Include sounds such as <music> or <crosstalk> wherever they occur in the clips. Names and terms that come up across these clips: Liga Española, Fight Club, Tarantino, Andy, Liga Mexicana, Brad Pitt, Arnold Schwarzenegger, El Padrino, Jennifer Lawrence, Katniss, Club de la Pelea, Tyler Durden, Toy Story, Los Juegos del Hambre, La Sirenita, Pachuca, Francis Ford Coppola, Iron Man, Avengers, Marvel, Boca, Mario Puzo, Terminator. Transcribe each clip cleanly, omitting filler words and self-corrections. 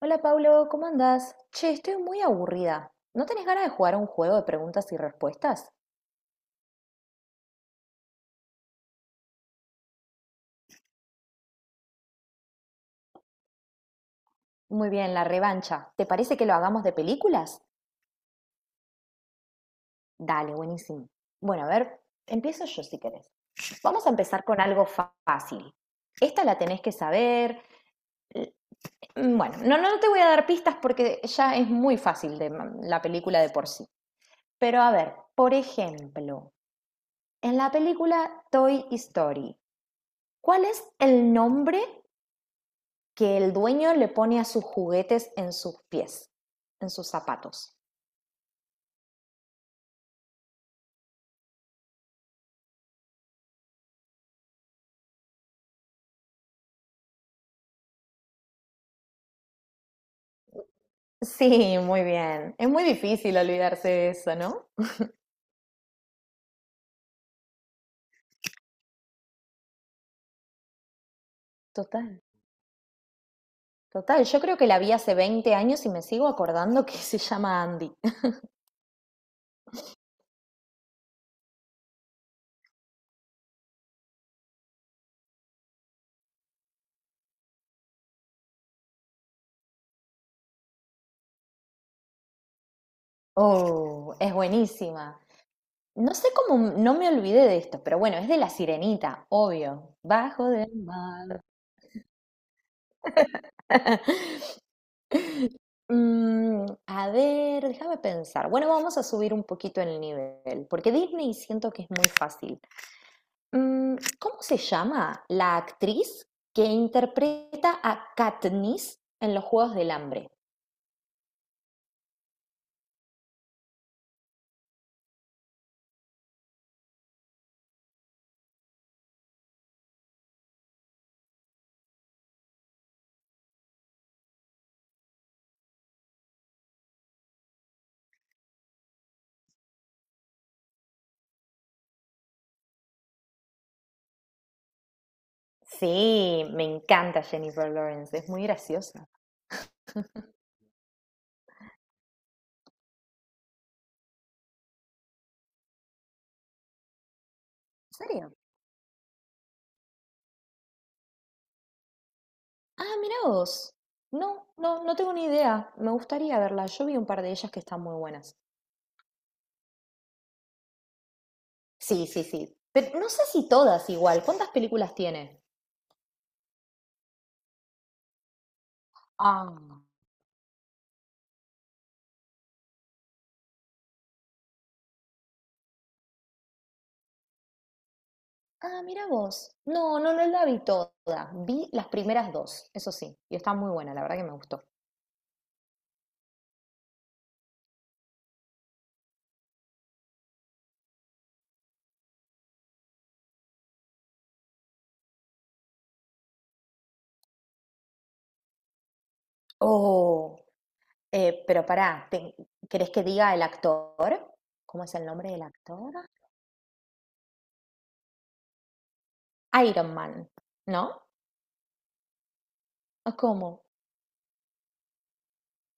Hola Pablo, ¿cómo andás? Che, estoy muy aburrida. ¿No tenés ganas de jugar a un juego de preguntas y respuestas? Muy bien, la revancha. ¿Te parece que lo hagamos de películas? Dale, buenísimo. Bueno, a ver, empiezo yo si querés. Vamos a empezar con algo fácil. Esta la tenés que saber. L- Bueno, no te voy a dar pistas porque ya es muy fácil de la película de por sí. Pero a ver, por ejemplo, en la película Toy Story, ¿cuál es el nombre que el dueño le pone a sus juguetes en sus pies, en sus zapatos? Sí, muy bien. Es muy difícil olvidarse de eso, ¿no? Total, total. Yo creo que la vi hace 20 años y me sigo acordando que <laughs> se llama Andy. <laughs> Oh, es buenísima. No sé cómo no me olvidé de esto, pero bueno, es de la sirenita, obvio. Bajo del mar. <laughs> A ver, déjame pensar. Bueno, vamos a subir un poquito el nivel, porque Disney siento que es muy fácil. ¿Cómo se llama la actriz que interpreta a Katniss en Los Juegos del Hambre? Sí, me encanta Jennifer Lawrence, es muy graciosa. ¿En serio? Ah, mirá vos. No tengo ni idea. Me gustaría verla. Yo vi un par de ellas que están muy buenas. Sí, sí, sí. Pero no sé si todas igual. ¿Cuántas películas tiene? Ah. Ah, mirá vos. No la vi toda. Vi las primeras dos, eso sí. Y está muy buena, la verdad que me gustó. Oh. Pero pará, ¿querés que diga el actor? ¿Cómo es el nombre del actor? Iron Man, ¿no? ¿Cómo?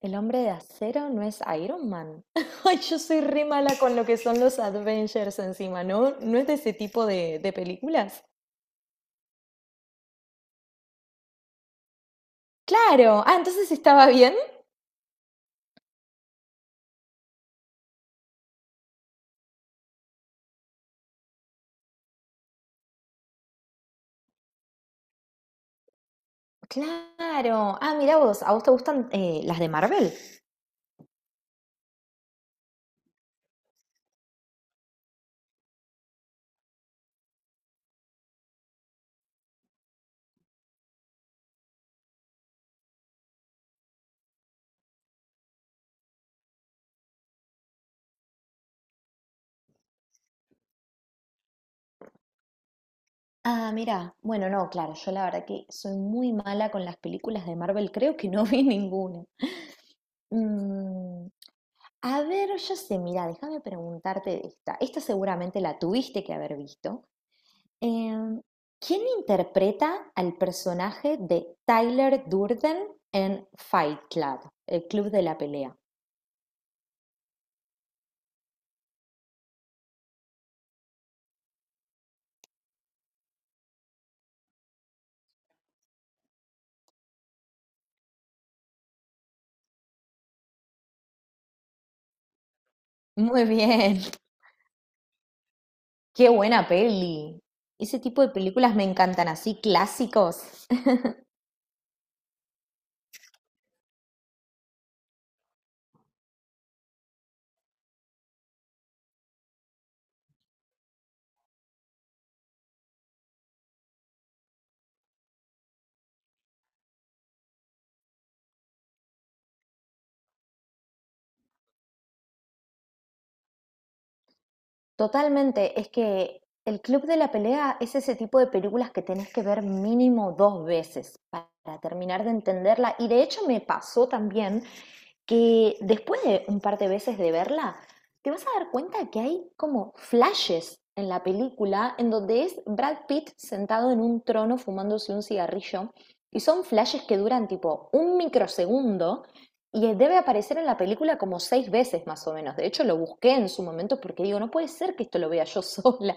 ¿El hombre de acero no es Iron Man? <laughs> Ay, yo soy re mala con lo que son los Avengers encima, ¿no? ¿No es de ese tipo de películas? Claro, ah, entonces estaba bien. Claro, ah, mira vos, ¿a vos te gustan las de Marvel? Ah, mira, bueno, no, claro, yo la verdad que soy muy mala con las películas de Marvel, creo que no vi ninguna. Mm, A ver, yo sé, mira, déjame preguntarte de esta. Esta seguramente la tuviste que haber visto. Em, ¿Quién interpreta al personaje de Tyler Durden en Fight Club, el club de la pelea? Muy bien, <laughs> qué buena peli. Ese tipo de películas me encantan, así clásicos. <laughs> Totalmente, es que el Club de la Pelea es ese tipo de películas que tenés que ver mínimo dos veces para terminar de entenderla. Y de hecho me pasó también que después de un par de veces de verla, te vas a dar cuenta que hay como flashes en la película en donde es Brad Pitt sentado en un trono fumándose un cigarrillo y son flashes que duran tipo un microsegundo y debe aparecer en la película como seis veces más o menos. De hecho, lo busqué en su momento porque digo, no puede ser que esto lo vea yo sola.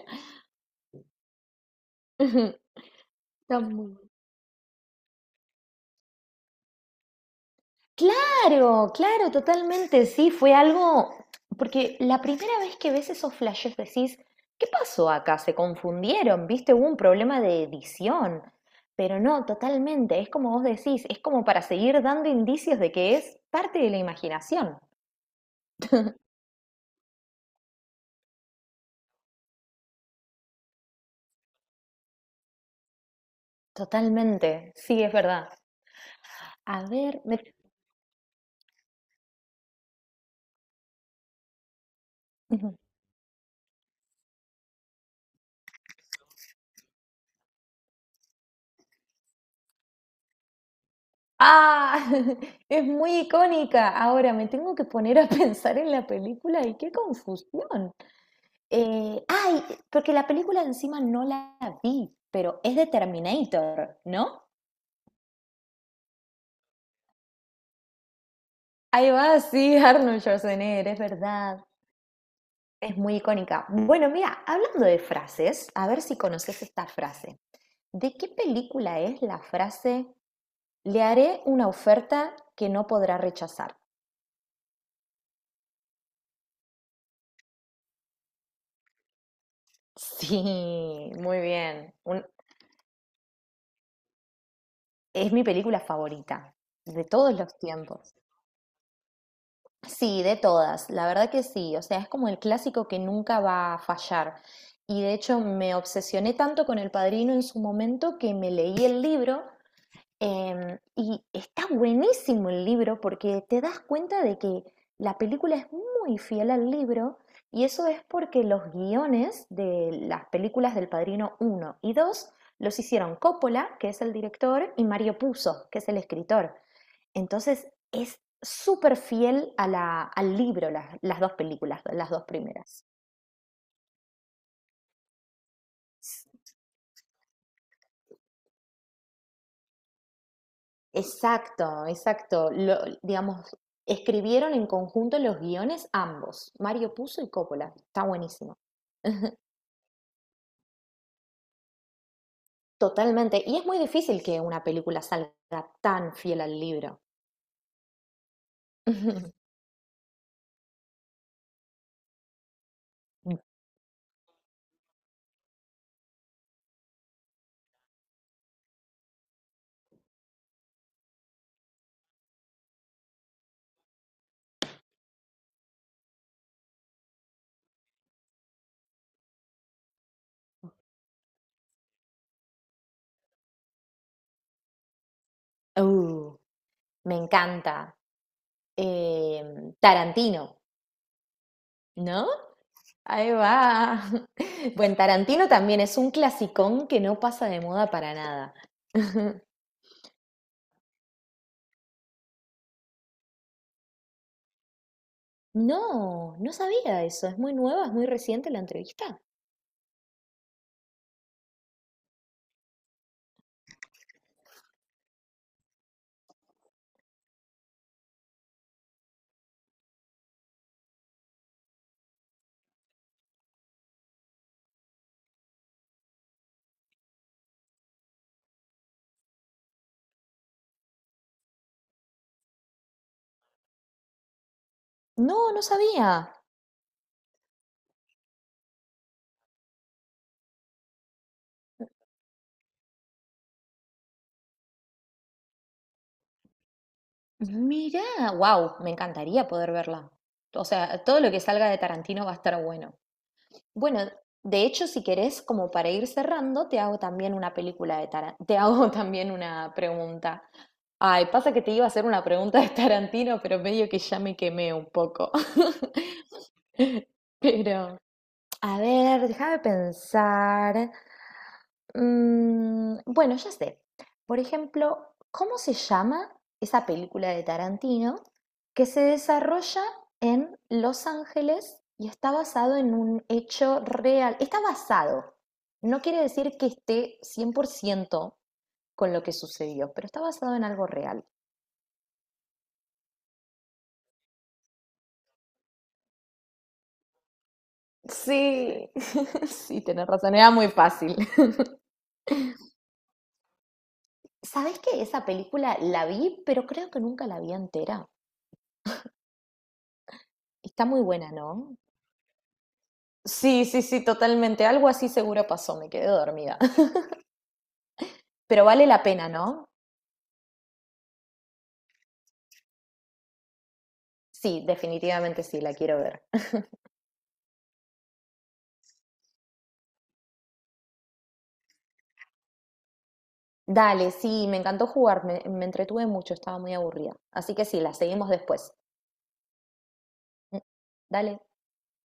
<laughs> Está muy claro, claro, totalmente, sí, fue algo, porque la primera vez que ves esos flashes decís, ¿qué pasó acá? Se confundieron, viste, hubo un problema de edición, pero no, totalmente, es como vos decís, es como para seguir dando indicios de que es parte de la imaginación, totalmente, sí, es verdad. A ver, me... Ujú. Ah, <laughs> es muy icónica. Ahora me tengo que poner a <laughs> pensar en la película y qué confusión. Ay, porque la película encima no la vi, pero es de Terminator, ¿no? Ahí va, sí, <laughs> Arnold Schwarzenegger, es verdad. Es muy icónica. Bueno, mira, hablando de frases, a ver si conoces esta frase. ¿De qué película es la frase «Le haré una oferta que no podrá rechazar»? <laughs> Sí, muy bien. Es mi película favorita de todos los tiempos. Sí, de todas, la verdad que sí, o sea, es como el clásico que nunca va a fallar. Y de hecho me obsesioné tanto con El Padrino en su momento que me leí el libro, y está buenísimo el libro porque te das cuenta de que la película es muy fiel al libro y eso es porque los guiones de las películas del Padrino uno y 2 los hicieron Coppola, que es el director, y Mario Puzo, que es el escritor. Entonces es súper fiel a al libro, las dos películas, las dos primeras. Exacto, exacto. Digamos, escribieron en conjunto los guiones ambos, Mario Puzo y Coppola. Está buenísimo. Totalmente. Y es muy difícil que una película salga tan fiel al libro. <laughs> Uh, me encanta. Tarantino, ¿no? Ahí va. <laughs> Bueno, Tarantino también es un clasicón que no pasa de moda para nada. <laughs> No, no sabía eso. ¿Es muy nueva? ¿Es muy reciente la entrevista? No, no sabía. Mirá, wow, me encantaría poder verla. O sea, todo lo que salga de Tarantino va a estar bueno. Bueno, de hecho, si querés, como para ir cerrando, te hago también una película de Tarantino. Te hago <laughs> también una pregunta. Ay, pasa que te iba a hacer una pregunta de Tarantino, pero medio que ya me quemé un poco. <laughs> <laughs> Pero, a ver, déjame pensar. Bueno, ya sé. Por ejemplo, ¿cómo se llama esa película de Tarantino que se desarrolla en Los Ángeles y está basado en un hecho real? Está basado. No quiere decir que esté 100% con lo que sucedió, pero está basado en algo real. Sí, <laughs> sí, tenés razón, era muy fácil. ¿Sabés que esa película la vi, pero creo que nunca la vi entera? Está muy buena, ¿no? Sí, sí, sí, totalmente. Algo así seguro pasó, me quedé dormida. <laughs> Pero vale la pena, ¿no? Sí, definitivamente sí, la quiero ver. Dale, sí, me encantó jugar, me entretuve mucho, estaba muy aburrida. Así que sí, la seguimos después. Mm, Dale.